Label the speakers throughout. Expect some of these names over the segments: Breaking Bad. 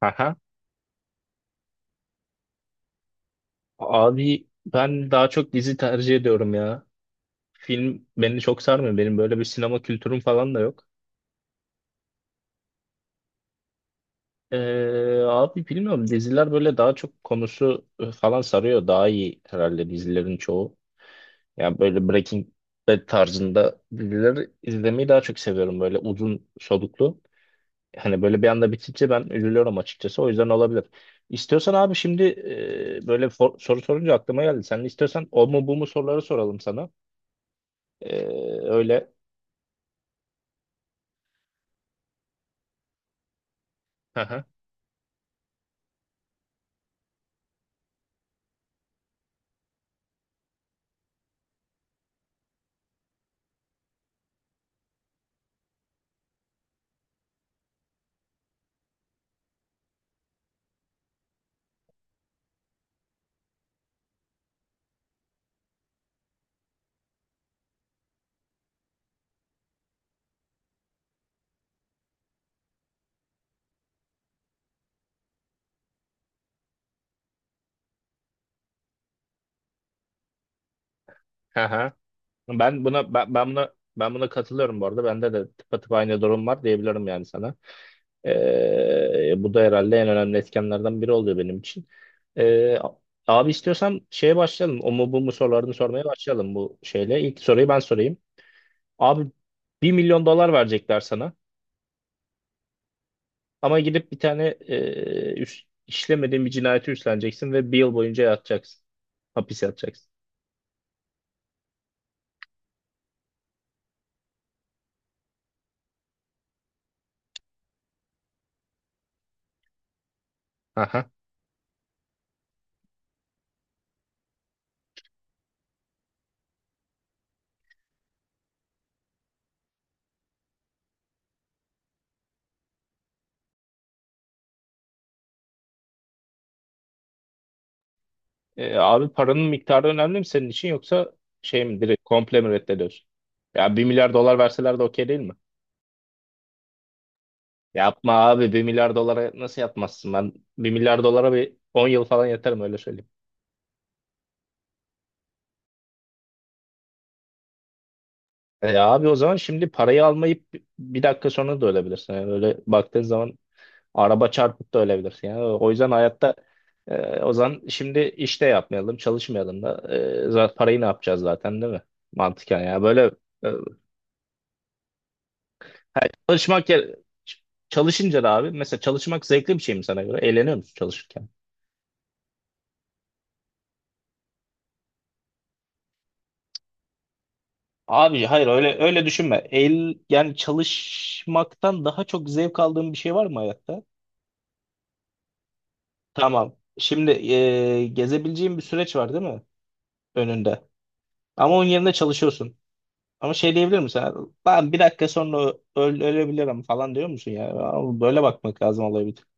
Speaker 1: Aha. Abi ben daha çok dizi tercih ediyorum ya. Film beni çok sarmıyor. Benim böyle bir sinema kültürüm falan da yok. Abi bilmiyorum diziler böyle daha çok konusu falan sarıyor. Daha iyi herhalde dizilerin çoğu. Yani böyle Breaking Bad tarzında dizileri izlemeyi daha çok seviyorum. Böyle uzun soluklu. Hani böyle bir anda bitince ben üzülüyorum açıkçası. O yüzden olabilir. İstiyorsan abi şimdi böyle soru sorunca aklıma geldi. Sen istiyorsan o mu bu mu soruları soralım sana. Ee, öyle. Hı hı. Hı hı. Ben buna katılıyorum bu arada. Bende de tıpatıp aynı durum var diyebilirim yani sana. Bu da herhalde en önemli etkenlerden biri oluyor benim için. Ee, abi istiyorsan şeye başlayalım. O mu bu mu sorularını sormaya başlayalım bu şeyle. İlk soruyu ben sorayım. Abi bir milyon dolar verecekler sana. Ama gidip bir tane işlemediğin bir cinayeti üstleneceksin ve bir yıl boyunca yatacaksın. Hapis yatacaksın. Abi paranın miktarı önemli mi senin için, yoksa şey mi, direkt komple mi reddediyorsun? Ya bir milyar dolar verseler de okey değil mi? Yapma abi, bir milyar dolara nasıl yatmazsın? Ben bir milyar dolara bir 10 yıl falan yatarım, öyle söyleyeyim. E abi o zaman şimdi parayı almayıp bir dakika sonra da ölebilirsin. Yani öyle baktığın zaman araba çarpıp da ölebilirsin. Yani o yüzden hayatta o zaman şimdi işte yapmayalım, çalışmayalım da parayı ne yapacağız zaten, değil mi? Mantıken ya böyle. E, Ha, çalışmak yer- çalışınca da abi, mesela çalışmak zevkli bir şey mi sana göre? Eğleniyor musun çalışırken? Abi hayır, öyle öyle düşünme. Yani çalışmaktan daha çok zevk aldığın bir şey var mı hayatta? Tamam. Şimdi gezebileceğin bir süreç var değil mi önünde? Ama onun yerine çalışıyorsun. Ama şey diyebilir misin? Ben bir dakika sonra ölebilirim falan diyor musun ya? Abi böyle bakmak lazım olaya bir tık.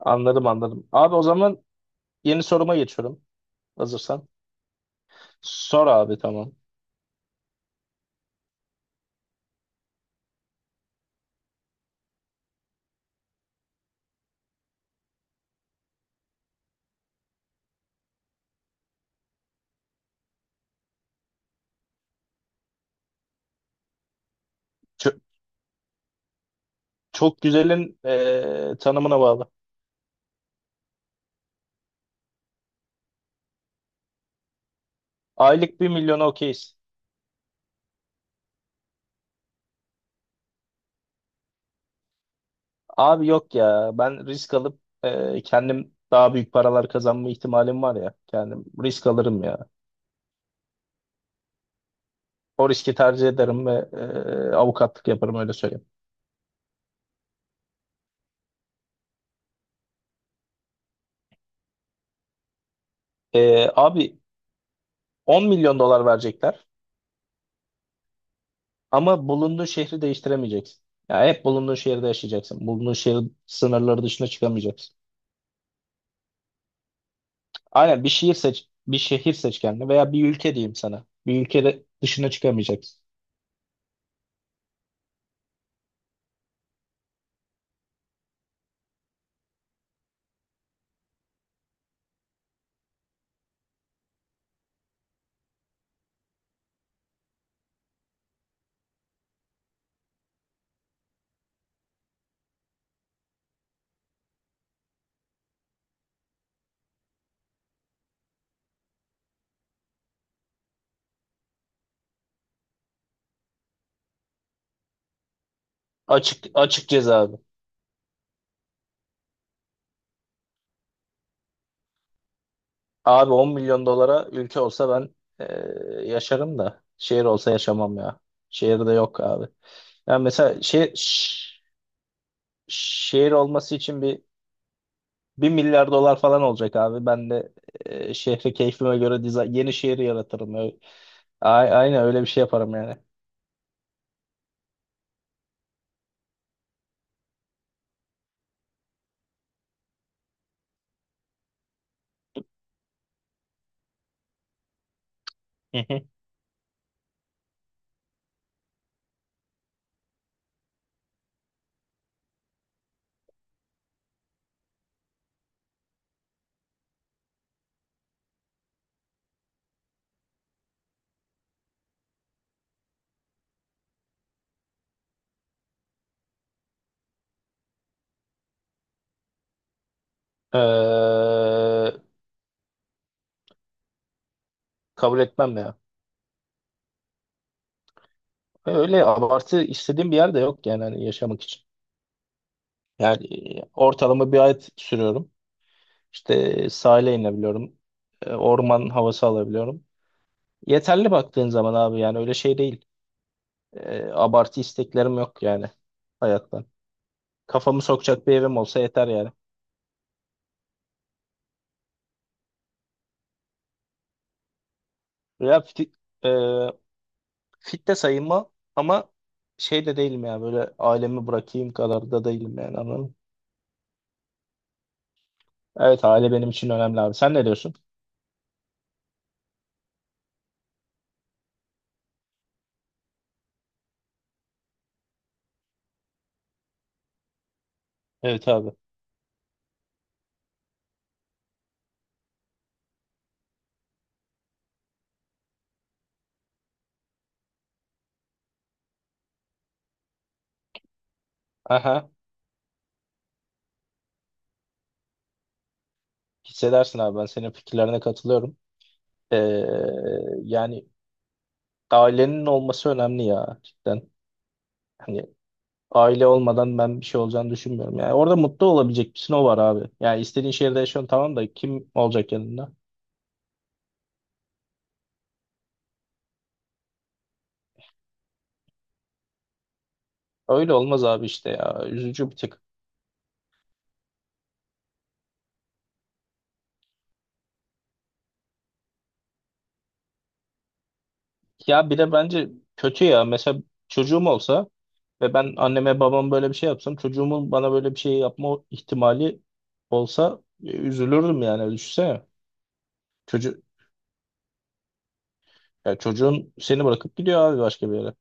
Speaker 1: Anladım anladım. Abi o zaman yeni soruma geçiyorum. Hazırsan. Sor abi, tamam. Çok güzelin tanımına bağlı. Aylık bir milyona okeyiz. Abi yok ya, ben risk alıp kendim daha büyük paralar kazanma ihtimalim var ya. Kendim risk alırım ya. O riski tercih ederim ve avukatlık yaparım, öyle söyleyeyim. Abi 10 milyon dolar verecekler ama bulunduğun şehri değiştiremeyeceksin. Ya hep bulunduğun şehirde yaşayacaksın. Bulunduğun şehir sınırları dışına çıkamayacaksın. Aynen, bir şehir seç kendine, veya bir ülke diyeyim sana. Bir ülkede dışına çıkamayacaksın. Açık açık ceza abi. Abi 10 milyon dolara ülke olsa ben yaşarım da şehir olsa yaşamam ya. Şehirde yok abi. Yani mesela şehir olması için bir 1 milyar dolar falan olacak abi. Ben de şehri keyfime göre diza yeni şehri yaratırım. Öyle, a- aynen öyle bir şey yaparım yani. Hı hı. Eee, kabul etmem ya. Öyle abartı istediğim bir yer de yok yani, hani yaşamak için. Yani ortalama bir ay sürüyorum. İşte sahile inebiliyorum. Orman havası alabiliyorum. Yeterli baktığın zaman abi, yani öyle şey değil. Abartı isteklerim yok yani hayattan. Kafamı sokacak bir evim olsa yeter yani. Ya fit, e, fit de sayılma ama şey de değilim ya, böyle ailemi bırakayım kadar da değilim yani, anladın mı? Evet, aile benim için önemli abi. Sen ne diyorsun? Evet abi. Aha, hissedersin abi, ben senin fikirlerine katılıyorum. E, yani ailenin olması önemli ya, cidden. Hani aile olmadan ben bir şey olacağını düşünmüyorum. Yani orada mutlu olabilecek bir sınav var abi. Yani istediğin şehirde yaşıyorsun tamam da, kim olacak yanında? Öyle olmaz abi işte ya. Üzücü bir tık. Ya bir de bence kötü ya. Mesela çocuğum olsa ve ben anneme babam böyle bir şey yapsam, çocuğumun bana böyle bir şey yapma ihtimali olsa üzülürdüm yani. Düşünsene. Çocu ya çocuğun seni bırakıp gidiyor abi, başka bir yere.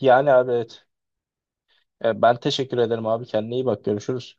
Speaker 1: Yani abi, evet. Ben teşekkür ederim abi. Kendine iyi bak. Görüşürüz.